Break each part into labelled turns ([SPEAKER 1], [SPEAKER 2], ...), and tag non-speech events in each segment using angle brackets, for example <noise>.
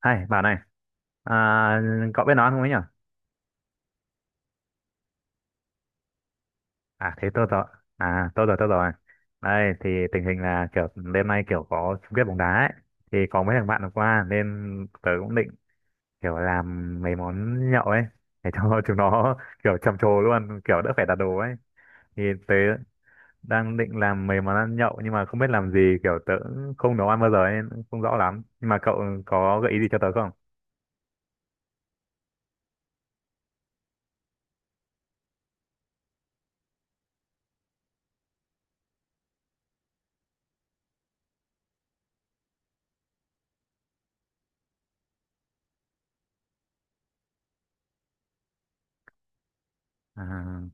[SPEAKER 1] Hay, bảo này, à, cậu biết nói không ấy nhở? À, thế tôi rồi, à, tôi rồi, tôi rồi. Đây, thì tình hình là kiểu đêm nay kiểu có chung kết bóng đá ấy. Thì có mấy thằng bạn hôm qua nên tớ cũng định kiểu làm mấy món nhậu ấy. Để cho <laughs> chúng nó kiểu trầm trồ luôn, kiểu đỡ phải đặt đồ ấy. Thì tớ đang định làm mấy món ăn nhậu nhưng mà không biết làm gì, kiểu tớ cũng không nấu ăn bao giờ ấy, không rõ lắm. Nhưng mà cậu có gợi ý gì cho tớ không? À.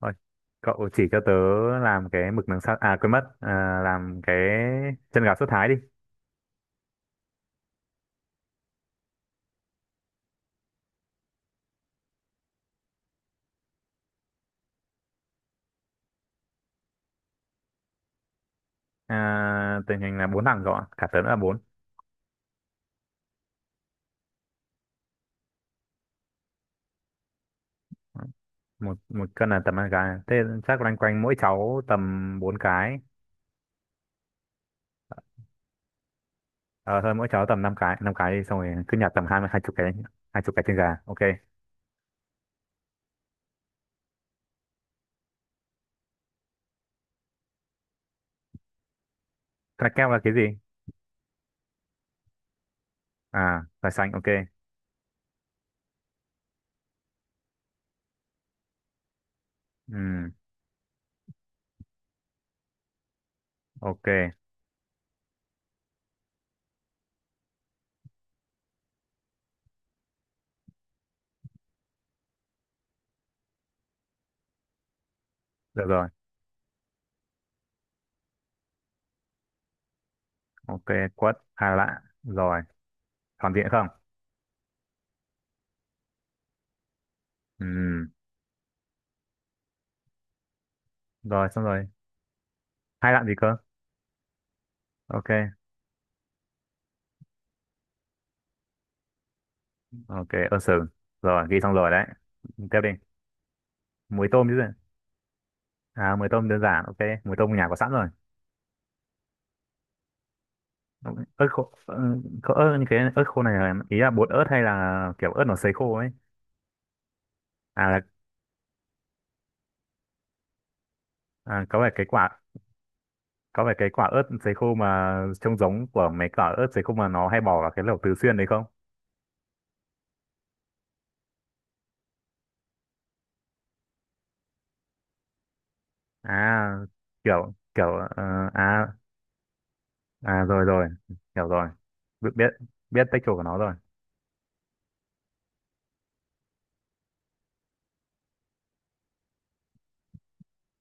[SPEAKER 1] Thôi, cậu chỉ cho tớ làm cái mực nướng sa à quên mất à, làm cái chân gà sốt thái đi. À, tình hình là bốn thằng cậu ạ, cả tớ nữa là bốn. Một một cân là tầm năm cái, thế chắc loanh quanh mỗi cháu tầm bốn cái. Ờ thôi mỗi cháu tầm năm cái, năm cái đi, xong rồi cứ nhặt tầm hai hai chục cái. Hai chục cái chân gà, ok. Cái keo là cái gì? À là xanh, ok. Ừ, ok được rồi, ok. Quất 2 lạng rồi, còn gì nữa không? Ừ, rồi xong rồi. Hai lạng gì cơ? Ok. Ok ơ sừng, rồi ghi xong rồi đấy. Tiếp đi. Muối tôm chứ gì? À muối tôm đơn giản, ok. Muối tôm nhà có sẵn rồi. Ok, ớt như cái ớt khô này là- ý là bột ớt hay là kiểu ớt nó sấy khô ấy? à, là, À có phải cái quả, có phải cái quả ớt sấy khô mà trông giống của mấy quả ớt sấy khô mà nó hay bỏ vào cái lẩu Tứ Xuyên đấy không? À, kiểu kiểu ờ, à à, rồi rồi hiểu rồi. Biết biết biết texture của nó rồi.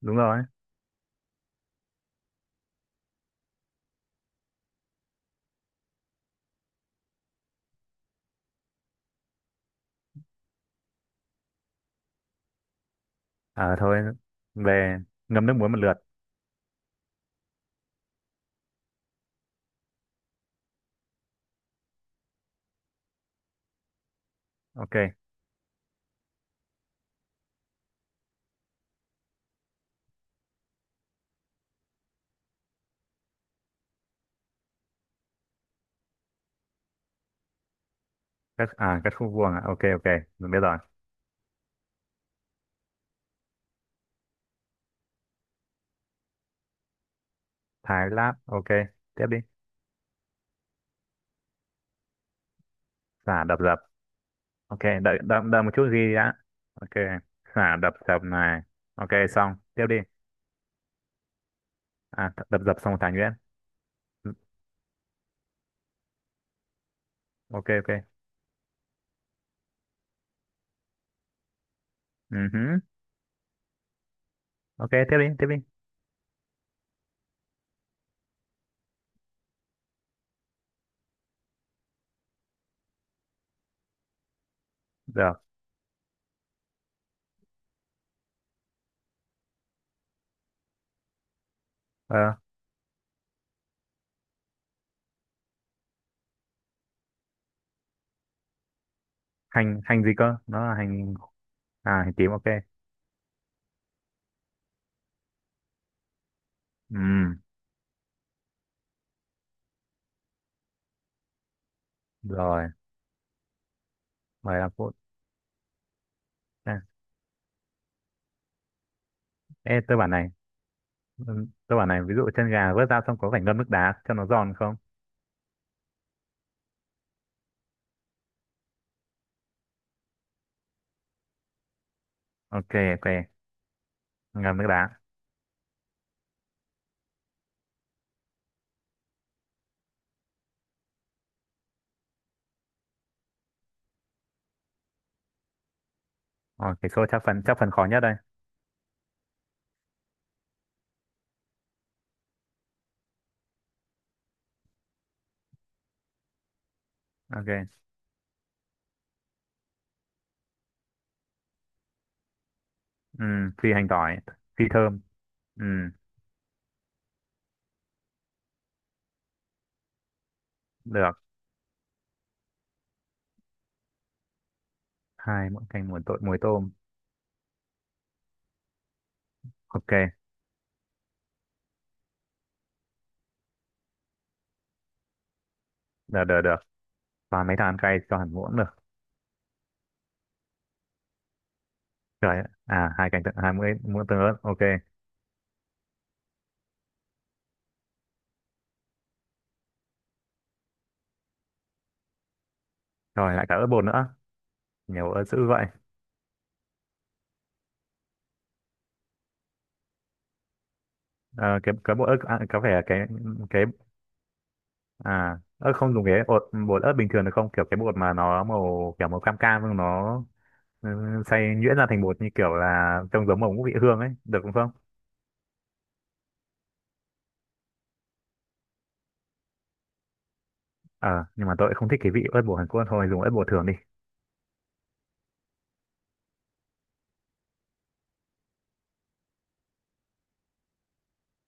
[SPEAKER 1] Đúng rồi. À thôi, về ngâm nước muối một lượt, ok. Cắt à cắt khúc vuông à, ok ok, mình biết rồi. Thái lát, ok, tiếp đi. Xả đập dập, ok, đợi đợi, đợi một chút ghi đã, ok. Xả đập dập này, ok, xong tiếp đi. À đập dập xong một thái nhuyễn. Ừ, ok ok, ừ hứ. Ok tiếp đi, tiếp đi. Được. Ờ, hành hành gì cơ, nó là hành? À hành tím, ok. Ừ, rồi. 15 phút. À, ê tôi bảo này, ừ, tôi bảo này, ví dụ chân gà vớt ra xong có phải ngâm nước đá cho nó giòn không? Ok, ok, ngâm nước đá. Ờ, cái số chắc phần khó nhất đây. Ok. Ừ, phi hành tỏi, phi thơm. Ừ, được. Hai muỗng canh muối tôm, muối tôm. Ok, được được được. Và mấy thằng ăn cay cho hẳn muỗng được. Trời ạ. À, hai canh tương- hai muỗng muỗng tương ớt. Ok. Rồi lại cả ớt bột nữa. Nhiều ớt dữ vậy. Ờ, cái bột ớt à, có vẻ cái cái ớt không dùng cái bột bột ớt bình thường được không? Kiểu cái bột mà nó màu kiểu màu cam cam nhưng nó ừ, xay nhuyễn ra thành bột như kiểu là trông giống màu ngũ vị hương ấy, được không? Ờ nhưng mà tôi lại không thích cái vị ớt bột Hàn Quốc, thôi dùng ớt bột thường đi.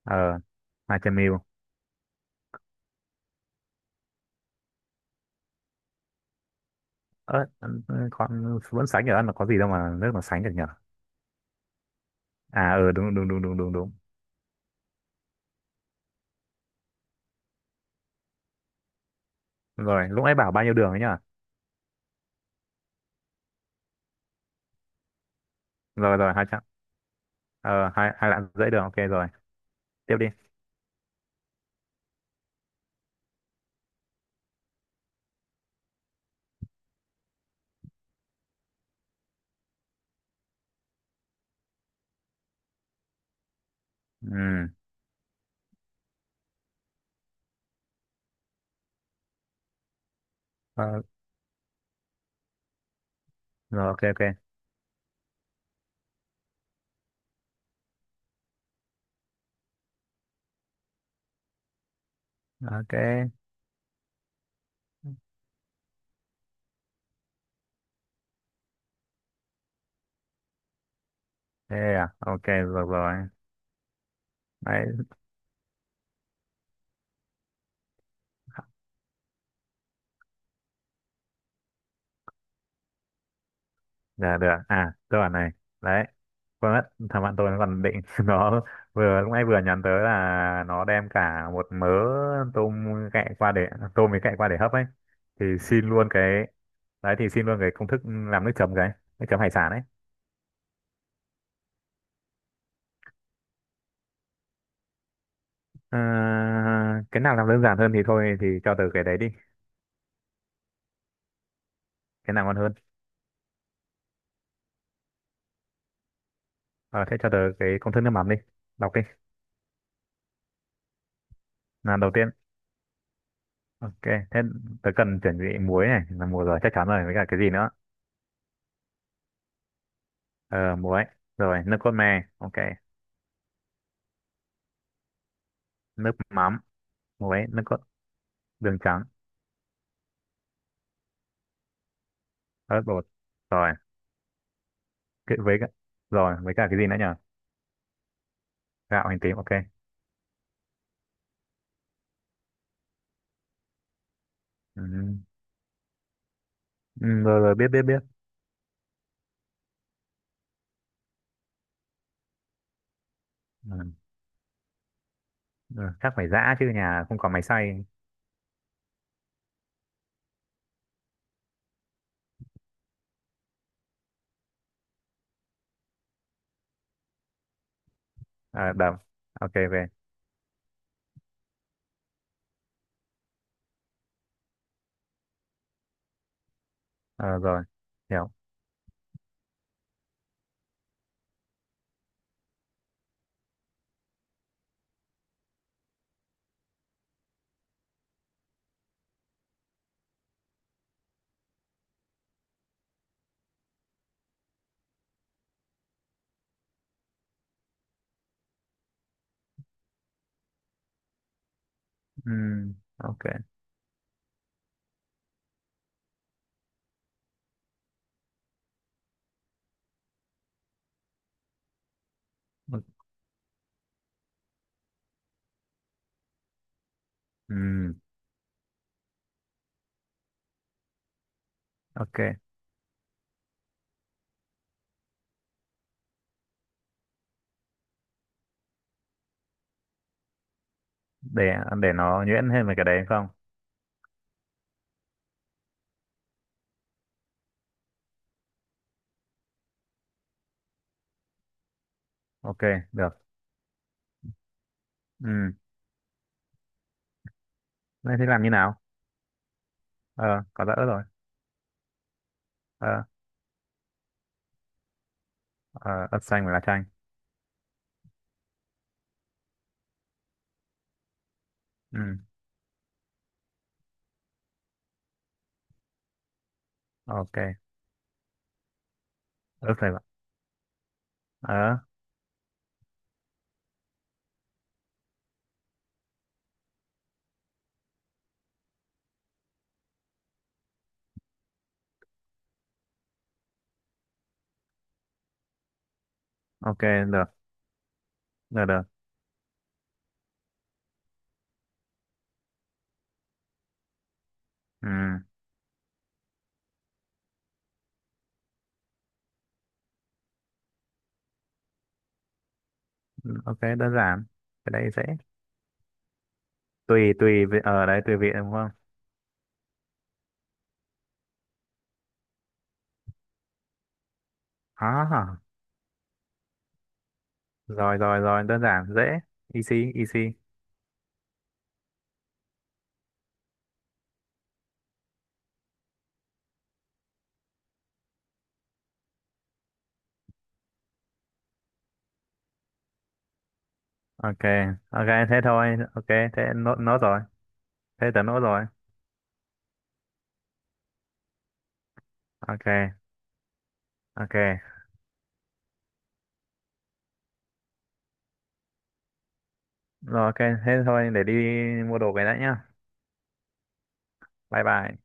[SPEAKER 1] Ờ, hai trăm mêu ớt. Ừ, con vẫn sánh được ăn, là có gì đâu mà nước mà sánh được nhở. À ừ đúng đúng đúng đúng đúng đúng. Rồi lúc nãy bảo bao nhiêu đường ấy nhở? Rồi rồi, hai trăm, ờ, hai hai lạng rưỡi đường, ok rồi, tiếp đi. Ừ, ờ, rồi ok ok. Ok thế à, ok rồi rồi. Đấy. Dạ được, à tôi bảo này, đấy quên mất, thằng bạn tôi nó còn định <laughs> nó vừa lúc nãy vừa nhắn tới là nó đem cả một mớ tôm cạy qua để tôm với cạy qua để hấp ấy, thì xin luôn cái, đấy thì xin luôn cái công thức làm nước chấm, cái nước chấm hải sản ấy. Ờ, cái nào làm đơn giản hơn thì thôi thì cho tớ cái đấy đi. Cái nào ngon hơn. Ờ, thế cho tớ cái công thức nước mắm đi, đọc đi. Làm đầu tiên, ok. Thế tớ cần chuẩn bị muối này, là muối rồi chắc chắn rồi, với cả cái gì nữa? Ờ muối, rồi nước cốt me, ok. Nước mắm, muối, nước cốt, đường trắng, ớt bột, rồi cái- với cả, rồi với cả cái gì nữa nhỉ? Gạo, hành tím, ok. Ừ. Ừ, rồi rồi biết biết biết. Ừ. Ừ. Chắc phải giã chứ nhà không có máy xay. À, đập, ok, về. Ờ, rồi, hiểu. Ừ, ok, ừ, ok, để để nó nhuyễn thêm về cái đấy không? Ok, được, ừ. Thế thì làm như nào? Ờ, có giã ớt rồi, ờ. Ờ, ớt xanh và lá chanh, ừ, ok. Ớt phải, ờ, ok được được được. Ừ, ok, đơn giản. Cái đấy dễ. Tùy, tùy, vị- ở đấy tùy vị đúng không? À, rồi, rồi, rồi, đơn giản, dễ. Easy, easy. Ok, ok, thế thôi. Ok, thế nốt, nốt rồi. Thế tớ nốt rồi. Ok, ok. Rồi, ok, thế thôi, để đi mua đồ về đã nhá. Bye bye.